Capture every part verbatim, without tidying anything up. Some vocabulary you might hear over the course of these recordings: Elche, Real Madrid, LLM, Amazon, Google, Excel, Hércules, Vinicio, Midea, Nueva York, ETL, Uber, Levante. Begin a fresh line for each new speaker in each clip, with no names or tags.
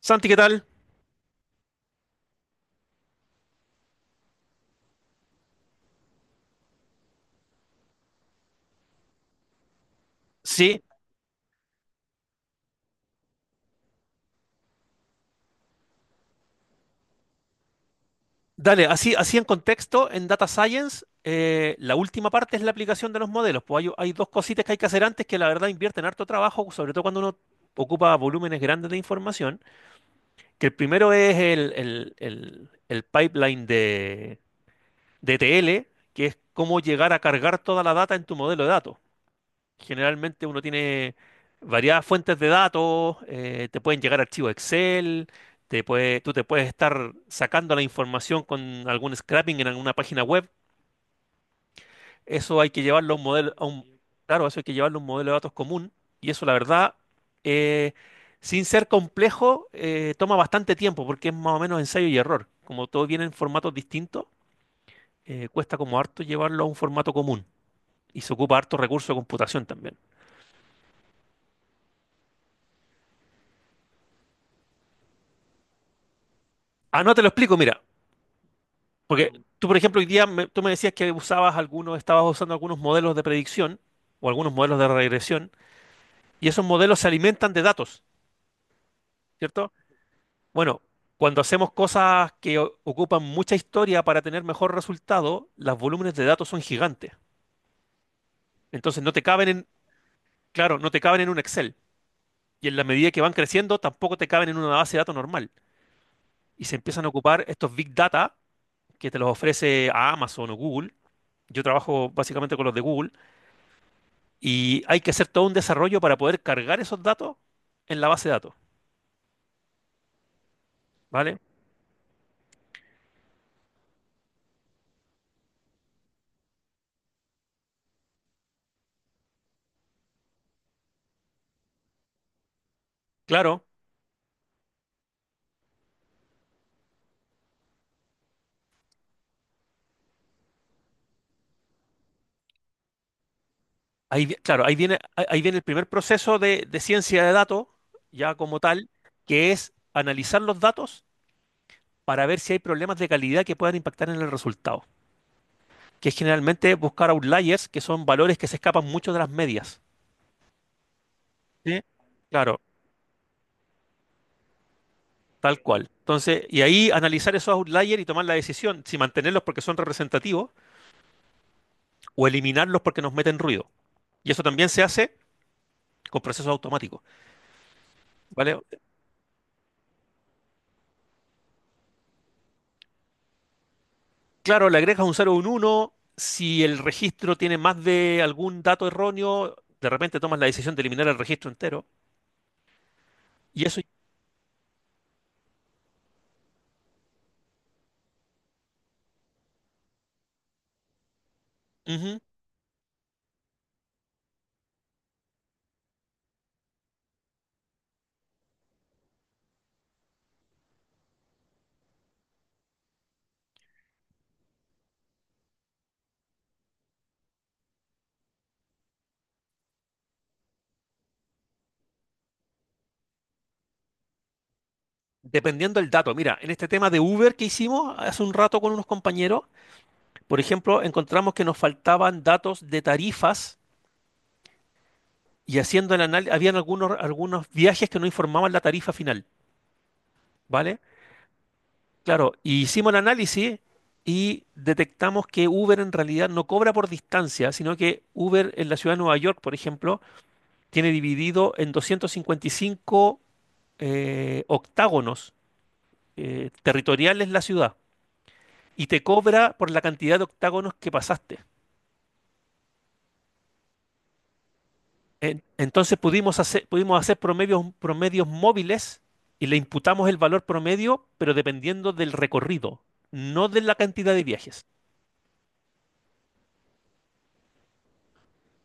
Santi, ¿qué tal? Sí, dale, así, así en contexto, en Data Science, eh, la última parte es la aplicación de los modelos. Pues hay, hay dos cositas que hay que hacer antes que la verdad invierten harto trabajo, sobre todo cuando uno ocupa volúmenes grandes de información, que el primero es el, el- el- el pipeline de, de ETL, que es cómo llegar a cargar toda la data en tu modelo de datos. Generalmente uno tiene variadas fuentes de datos, eh, te pueden llegar archivos Excel, te puede- tú te puedes estar sacando la información con algún scrapping en alguna página web. Eso hay que llevarlo a un modelo, a un, claro, eso hay que llevarlo a un modelo de datos común. Y eso, la verdad, eh, sin ser complejo, eh, toma bastante tiempo porque es más o menos ensayo y error. Como todo viene en formatos distintos, eh, cuesta como harto llevarlo a un formato común. Y se ocupa harto recurso de computación también. Ah, no te lo explico, mira. Porque tú, por ejemplo, hoy día me- tú me decías que usabas algunos, estabas usando algunos modelos de predicción o algunos modelos de regresión, y esos modelos se alimentan de datos, ¿cierto? Bueno, cuando hacemos cosas que o- ocupan mucha historia para tener mejor resultado, los volúmenes de datos son gigantes. Entonces no te caben en, claro, no te caben en un Excel. Y en la medida que van creciendo, tampoco te caben en una base de datos normal. Y se empiezan a ocupar estos big data que te los ofrece a Amazon o Google. Yo trabajo básicamente con los de Google. Y hay que hacer todo un desarrollo para poder cargar esos datos en la base de datos, ¿vale? Claro, ahí, vi- claro, ahí viene, ahí ahí viene el primer proceso de, de ciencia de datos, ya como tal, que es analizar los datos para ver si hay problemas de calidad que puedan impactar en el resultado, que es generalmente buscar outliers, que son valores que se escapan mucho de las medias. ¿Sí? Claro, tal cual. Entonces, y ahí analizar esos outliers y tomar la decisión si mantenerlos porque son representativos o eliminarlos porque nos meten ruido. Y eso también se hace con procesos automáticos, ¿vale? Claro, le agregas un cero, o un uno. Si el registro tiene más de algún dato erróneo, de repente tomas la decisión de eliminar el registro entero, y eso, ujú, dependiendo del dato. Mira, en este tema de Uber que hicimos hace un rato con unos compañeros, por ejemplo, encontramos que nos faltaban datos de tarifas y haciendo el análisis, habían algunos, algunos viajes que no informaban la tarifa final, ¿vale? Claro, y hicimos el análisis y detectamos que Uber en realidad no cobra por distancia, sino que Uber en la ciudad de Nueva York, por ejemplo, tiene dividido en doscientos cincuenta y cinco eh, octágonos eh, territoriales la ciudad y te cobra por la cantidad de octágonos que pasaste. En- entonces pudimos hacer, pudimos hacer promedios, promedios móviles y le imputamos el valor promedio, pero dependiendo del recorrido, no de la cantidad de viajes.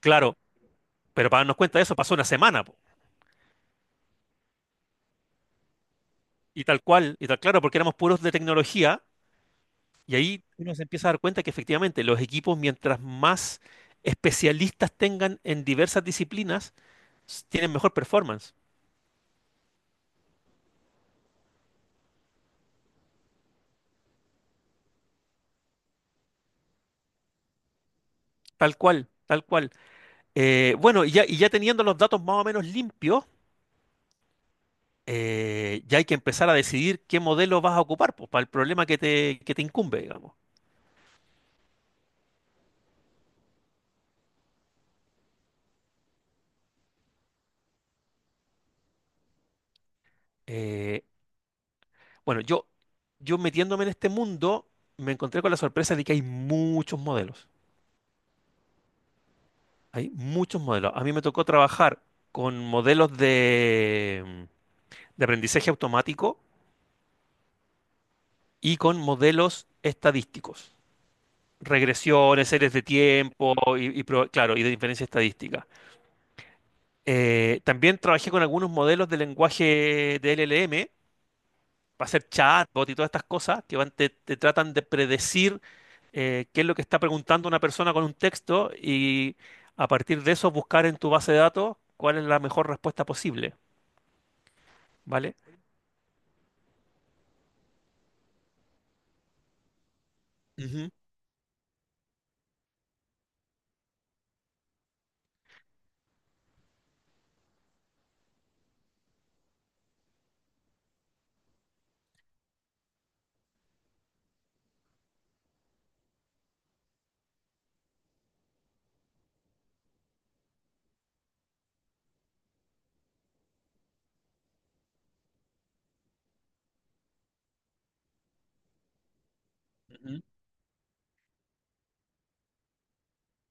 Claro, pero para darnos cuenta de eso pasó una semana. Y tal cual, y tal claro, porque éramos puros de tecnología, y ahí uno se empieza a dar cuenta que efectivamente los equipos, mientras más especialistas tengan en diversas disciplinas, s- tienen mejor performance. Tal cual, tal cual. Eh, bueno, y ya, y ya teniendo los datos más o menos limpios, eh, ya hay que empezar a decidir qué modelo vas a ocupar, pues, para el problema que te, que te incumbe, digamos. Eh, bueno, yo, yo metiéndome en este mundo, me encontré con la sorpresa de que hay muchos modelos. Hay muchos modelos. A mí me tocó trabajar con modelos de, de aprendizaje automático y con modelos estadísticos. Regresiones, series de tiempo y, y pro- claro, y de diferencia estadística. Eh, también trabajé con algunos modelos de lenguaje de L L M para hacer chatbot y todas estas cosas que van, te, te tratan de predecir eh, qué es lo que está preguntando una persona con un texto y a partir de eso buscar en tu base de datos cuál es la mejor respuesta posible, ¿vale? Ujú, ujú.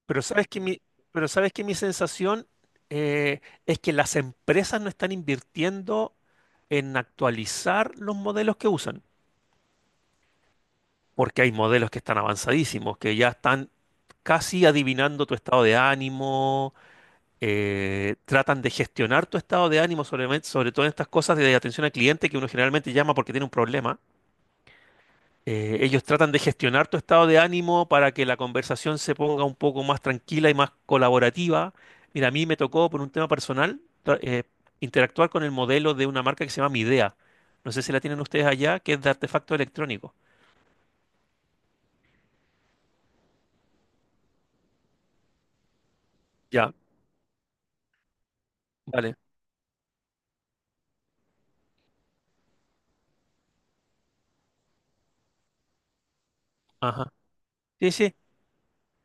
Pero sabes que mi, pero sabes que mi sensación eh, es que las empresas no están invirtiendo en actualizar los modelos que usan, porque hay modelos que están avanzadísimos, que ya están casi adivinando tu estado de ánimo, eh, tratan de gestionar tu estado de ánimo, sobre, sobre todo en estas cosas de atención al cliente que uno generalmente llama porque tiene un problema. Eh, ellos tratan de gestionar tu estado de ánimo para que la conversación se ponga un poco más tranquila y más colaborativa. Mira, a mí me tocó por un tema personal tra- eh, interactuar con el modelo de una marca que se llama Midea. No sé si la tienen ustedes allá, que es de artefacto electrónico. Ya, vale. Ajá. Sí, sí.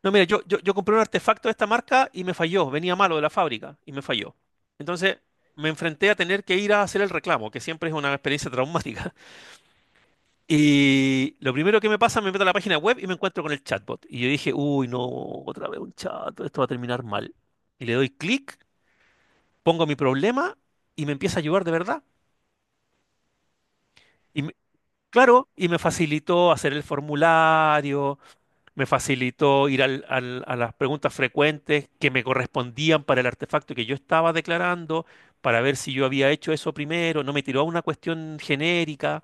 No, mira, yo, yo, yo compré un artefacto de esta marca y me falló. Venía malo de la fábrica y me falló. Entonces me enfrenté a tener que ir a hacer el reclamo, que siempre es una experiencia traumática. Y lo primero que me pasa, me meto a la página web y me encuentro con el chatbot. Y yo dije, uy, no, otra vez un chat, esto va a terminar mal. Y le doy clic, pongo mi problema y me empieza a ayudar de verdad. Y me- claro, y me facilitó hacer el formulario, me facilitó ir al- al- a las preguntas frecuentes que me correspondían para el artefacto que yo estaba declarando, para ver si yo había hecho eso primero. No me tiró a una cuestión genérica.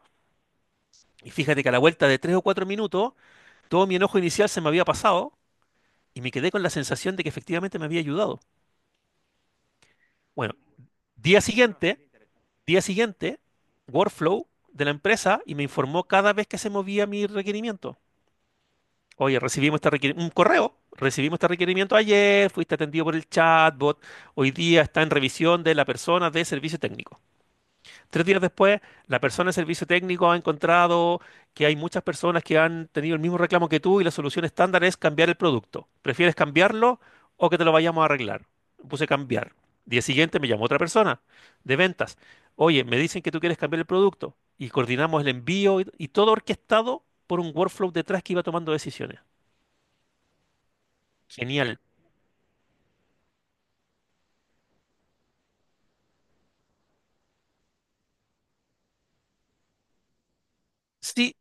Y fíjate que a la vuelta de tres o cuatro minutos, todo mi enojo inicial se me había pasado. Y me quedé con la sensación de que efectivamente me había ayudado. Bueno, día siguiente, día siguiente, Workflow de la empresa y me informó cada vez que se movía mi requerimiento. Oye, recibimos este requerimiento, un correo, recibimos este requerimiento ayer, fuiste atendido por el chatbot, hoy día está en revisión de la persona de servicio técnico. Tres días después, la persona de servicio técnico ha encontrado que hay muchas personas que han tenido el mismo reclamo que tú y la solución estándar es cambiar el producto. ¿Prefieres cambiarlo o que te lo vayamos a arreglar? Puse cambiar. Día siguiente me llamó otra persona de ventas. Oye, me dicen que tú quieres cambiar el producto y coordinamos el envío y, y todo orquestado por un workflow detrás que iba tomando decisiones. Genial. Sí,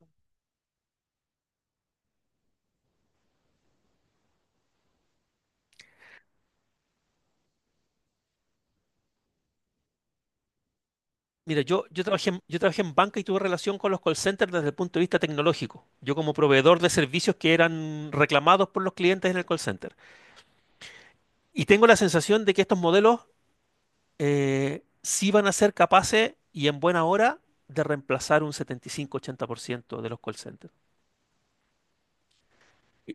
mira, yo, yo trabajé en, yo trabajé en banca y tuve relación con los call centers desde el punto de vista tecnológico. Yo como proveedor de servicios que eran reclamados por los clientes en el call center. Y tengo la sensación de que estos modelos eh, sí van a ser capaces y en buena hora de reemplazar un setenta y cinco ochenta por ciento de los call centers. Y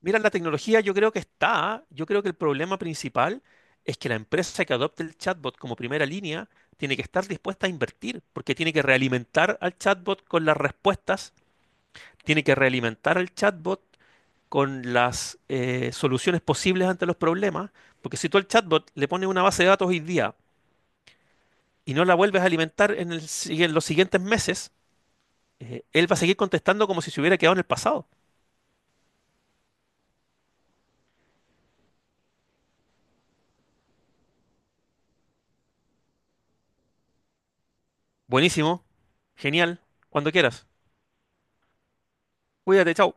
mira, la tecnología yo creo que está. Yo creo que el problema principal es que la empresa que adopte el chatbot como primera línea tiene que estar dispuesta a invertir, porque tiene que realimentar al chatbot con las respuestas, tiene que realimentar al chatbot con las eh, soluciones posibles ante los problemas, porque si tú al chatbot le pones una base de datos hoy día y no la vuelves a alimentar en, el si- en los siguientes meses, eh, él va a seguir contestando como si se hubiera quedado en el pasado. Buenísimo, genial, cuando quieras. Cuídate, chao.